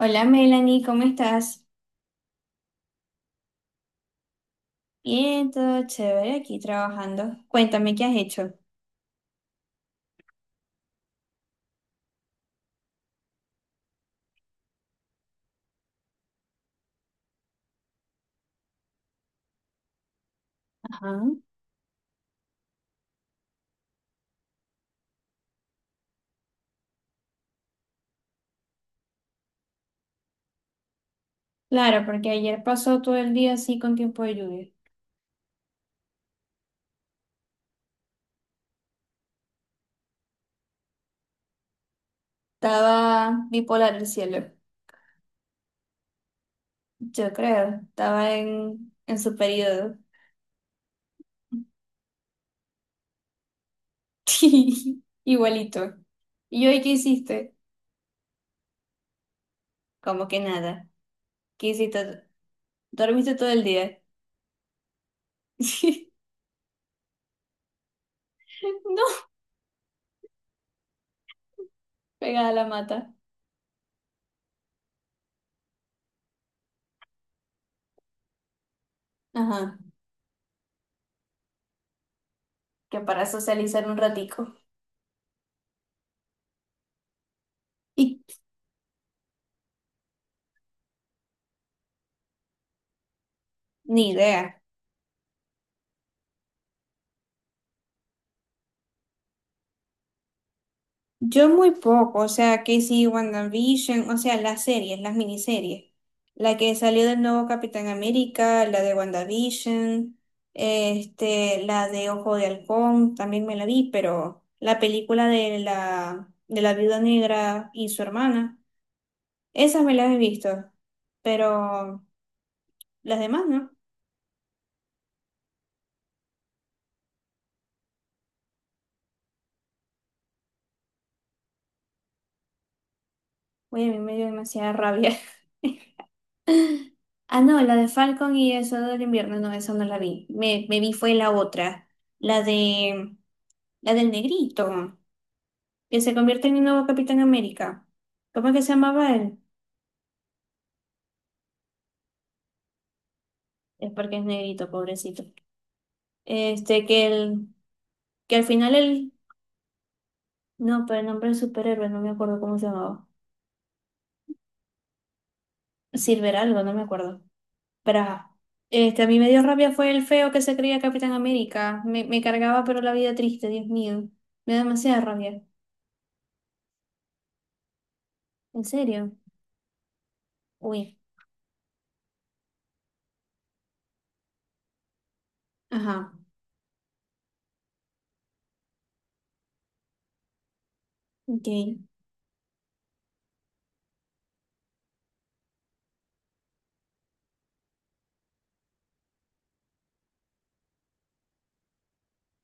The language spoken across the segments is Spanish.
Hola Melanie, ¿cómo estás? Bien, todo chévere aquí trabajando. Cuéntame qué has hecho. Claro, porque ayer pasó todo el día así con tiempo de lluvia. Estaba bipolar el cielo, yo creo. Estaba en su periodo. Igualito. ¿Y hoy qué hiciste? Como que nada. ¿Qué hiciste? ¿Dormiste todo el día? No, pegada a la mata. Ajá, que para socializar un ratico. Y ni idea. Yo muy poco, o sea, que sí, WandaVision, o sea, las series, las miniseries. La que salió del nuevo Capitán América, la de WandaVision, este, la de Ojo de Halcón, también me la vi, pero la película de la Viuda Negra y su hermana, esas me las he visto, pero las demás no. Oye, a mí me dio demasiada rabia. Ah, no, la de Falcon y el Soldado del Invierno, no, esa no la vi. Me vi fue la otra, la de La del negrito, que se convierte en el nuevo Capitán América. ¿Cómo es que se llamaba él? Es porque es negrito, pobrecito. Este, que al final él, no, pero el nombre del superhéroe, no me acuerdo cómo se llamaba. Silver algo, no me acuerdo. Pero ajá. Este, a mí me dio rabia fue el feo que se creía Capitán América. Me cargaba, pero la vida triste, Dios mío. Me da demasiada rabia. ¿En serio? Uy. Ajá. Ok.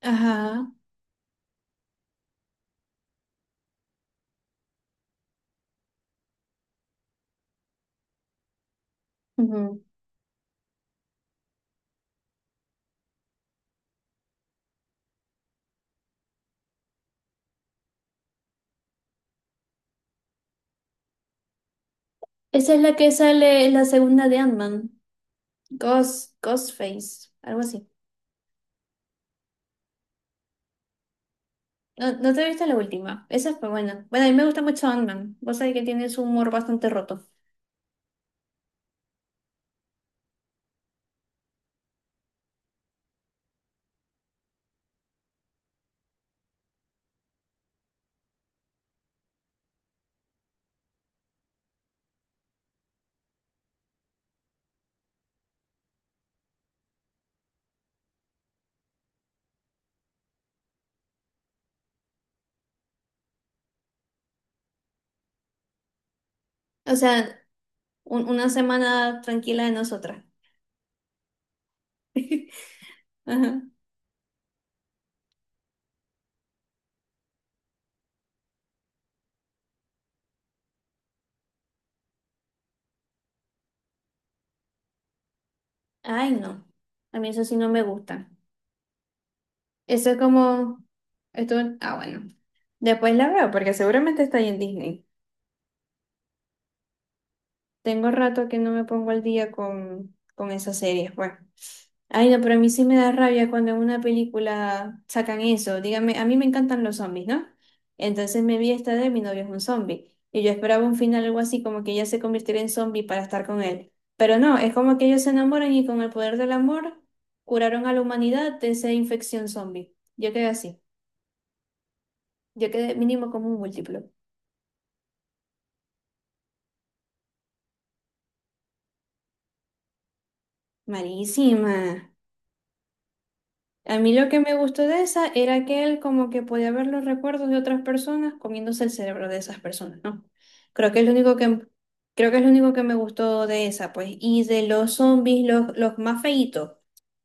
Ajá. Ujú. Esa es la que sale en la segunda de Ant-Man. Ghost, Ghostface, algo así. No, no te viste la última. Esa fue buena. Bueno, a mí me gusta mucho Ant-Man. Vos sabés que tiene su humor bastante roto. O sea, una semana tranquila de nosotras. Ajá. Ay, no. A mí eso sí no me gusta. Eso es como. Esto. Ah, bueno. Después la veo, porque seguramente está ahí en Disney. Tengo rato que no me pongo al día con esas series, bueno. Ay, no, pero a mí sí me da rabia cuando en una película sacan eso. Dígame, a mí me encantan los zombies, ¿no? Entonces me vi esta de mi novio es un zombie. Y yo esperaba un final algo así, como que ella se convirtiera en zombie para estar con él. Pero no, es como que ellos se enamoran y con el poder del amor curaron a la humanidad de esa infección zombie. Yo quedé así. Yo quedé mínimo como un múltiplo. Malísima. A mí lo que me gustó de esa era que él como que podía ver los recuerdos de otras personas comiéndose el cerebro de esas personas, ¿no? Creo que es lo único que, creo que es lo único que me gustó de esa, pues. Y de los zombies, los más feitos,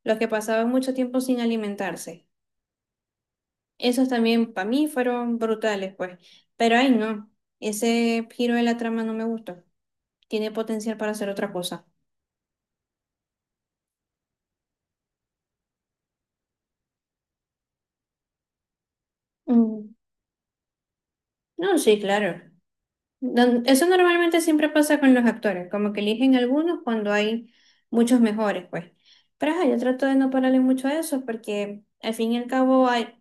los que pasaban mucho tiempo sin alimentarse. Esos también para mí fueron brutales, pues. Pero ay, no, ese giro de la trama no me gustó. Tiene potencial para hacer otra cosa. Mm. No, sí, claro. Eso normalmente siempre pasa con los actores, como que eligen algunos cuando hay muchos mejores, pues. Pero ajá, yo trato de no pararle mucho a eso porque al fin y al cabo hay,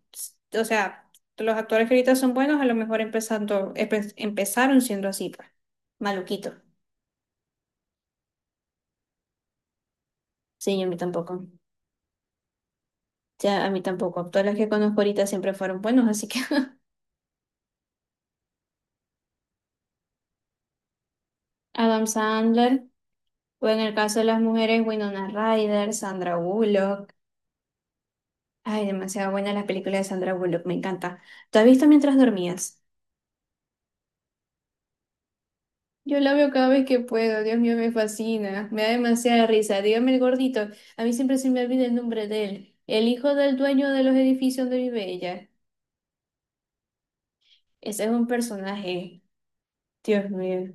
o sea, los actores que ahorita son buenos a lo mejor empezando, empezaron siendo así, pues, maluquito. Sí, a mí tampoco. Ya, a mí tampoco. Todas las que conozco ahorita siempre fueron buenos, así que Adam Sandler, o en el caso de las mujeres, Winona Ryder, Sandra Bullock. Ay, demasiado buena la película de Sandra Bullock, me encanta. ¿Tú has visto mientras dormías? Yo la veo cada vez que puedo, Dios mío, me fascina, me da demasiada risa. Dígame el gordito, a mí siempre se me olvida el nombre de él, el hijo del dueño de los edificios donde vive ella. Ese es un personaje, Dios mío.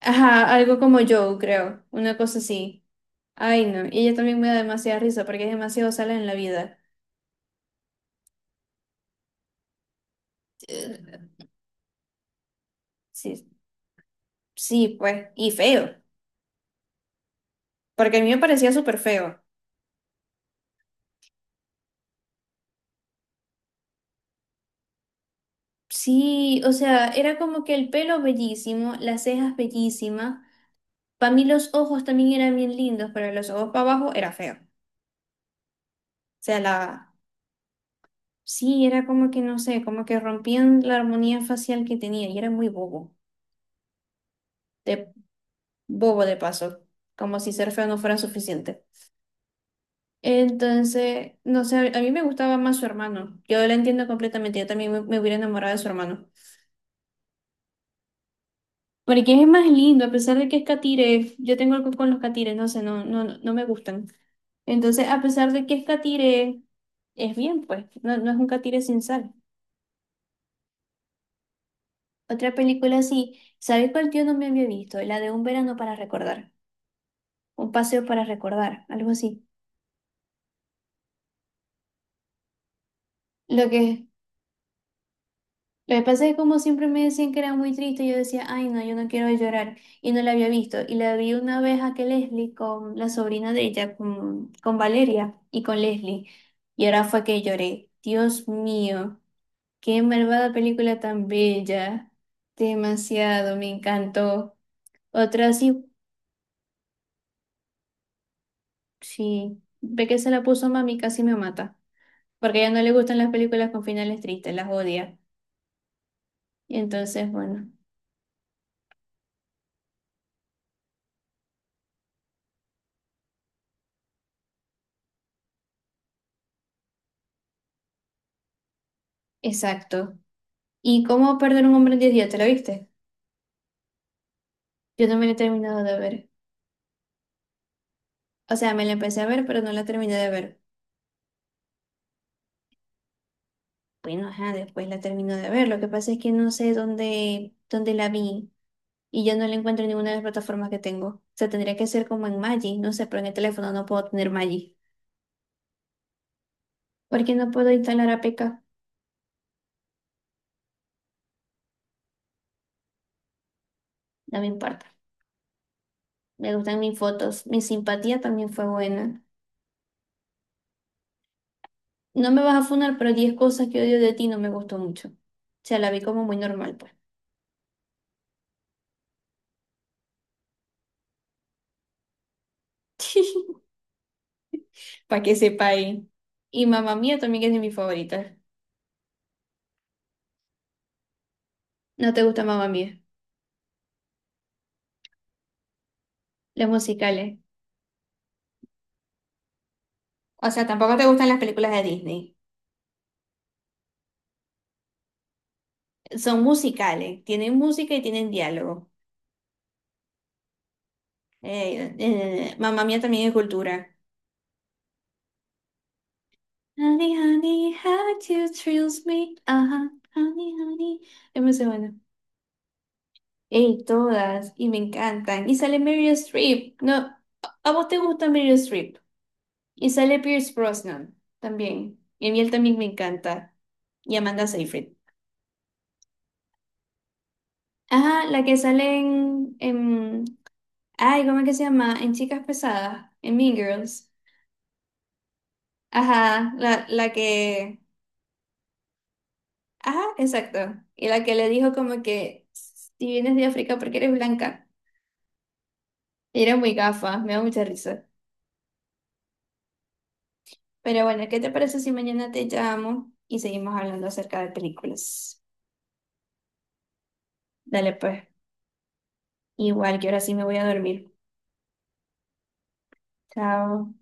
Ajá, algo como Joe, creo, una cosa así. Ay, no, y ella también me da demasiada risa porque es demasiado sala en la vida. Eh, Sí, sí, pues, y feo, porque a mí me parecía súper feo. Sí, o sea, era como que el pelo bellísimo, las cejas bellísimas. Para mí los ojos también eran bien lindos, pero los ojos para abajo era feo. O sea. Sí, era como que, no sé, como que rompían la armonía facial que tenía y era muy de bobo de paso, como si ser feo no fuera suficiente. Entonces, no sé, a mí me gustaba más su hermano. Yo lo entiendo completamente, yo también me hubiera enamorado de su hermano. Porque es más lindo, a pesar de que es catire, yo tengo algo con los catires, no sé, no, no, no no me gustan. Entonces, a pesar de que es catire, es bien, pues, no, no es un catire sin sal. Otra película así, ¿sabes cuál tío no me había visto? La de Un verano para recordar, un paseo para recordar, algo así. Lo que Lo que pasa es que como siempre me decían que era muy triste, yo decía, ay no, yo no quiero llorar y no la había visto. Y la vi una vez a que Leslie con la sobrina de ella, con Valeria y con Leslie. Y ahora fue que lloré. Dios mío, qué malvada película tan bella. Demasiado, me encantó. Otra sí, sí, ve que se la puso mami, casi me mata. Porque a ella no le gustan las películas con finales tristes, las odia. Y entonces, bueno, exacto. ¿Y cómo perder un hombre en 10 días? ¿Te lo viste? Yo no me la he terminado de ver. O sea, me la empecé a ver, pero no la terminé de ver. Bueno, ajá, después la termino de ver. Lo que pasa es que no sé dónde la vi y ya no la encuentro en ninguna de las plataformas que tengo. O sea, tendría que ser como en Magi, no sé, pero en el teléfono no puedo tener Magi. Porque no puedo instalar APK, no me importa. Me gustan mis fotos. Mi simpatía también fue buena. No me vas a funar, pero 10 cosas que odio de ti no me gustó mucho. O sea, la vi como muy normal, pues. Para que sepáis. Y Mamma Mía también es de mis favoritas. ¿No te gusta Mamma Mía? Los musicales. O sea, tampoco te gustan las películas de Disney. Son musicales, tienen música y tienen diálogo. Mamma Mía también es cultura. Honey, honey, how you thrills me. Ajá, honey, honey. Es muy buena. Ey, todas, y me encantan. Y sale Meryl Streep. No, ¿a vos te gusta Meryl Streep? Y sale Pierce Brosnan también. Y a mí él también me encanta. Y Amanda Seyfried. Ajá, la que sale. Ay, ¿cómo es que se llama? En Chicas Pesadas, en Mean Girls. Ajá, la que. Ajá, exacto. Y la que le dijo como que si vienes de África porque eres blanca. Y era muy gafa, me da mucha risa. Pero bueno, ¿qué te parece si mañana te llamo y seguimos hablando acerca de películas? Dale pues. Igual que ahora sí me voy a dormir. Chao.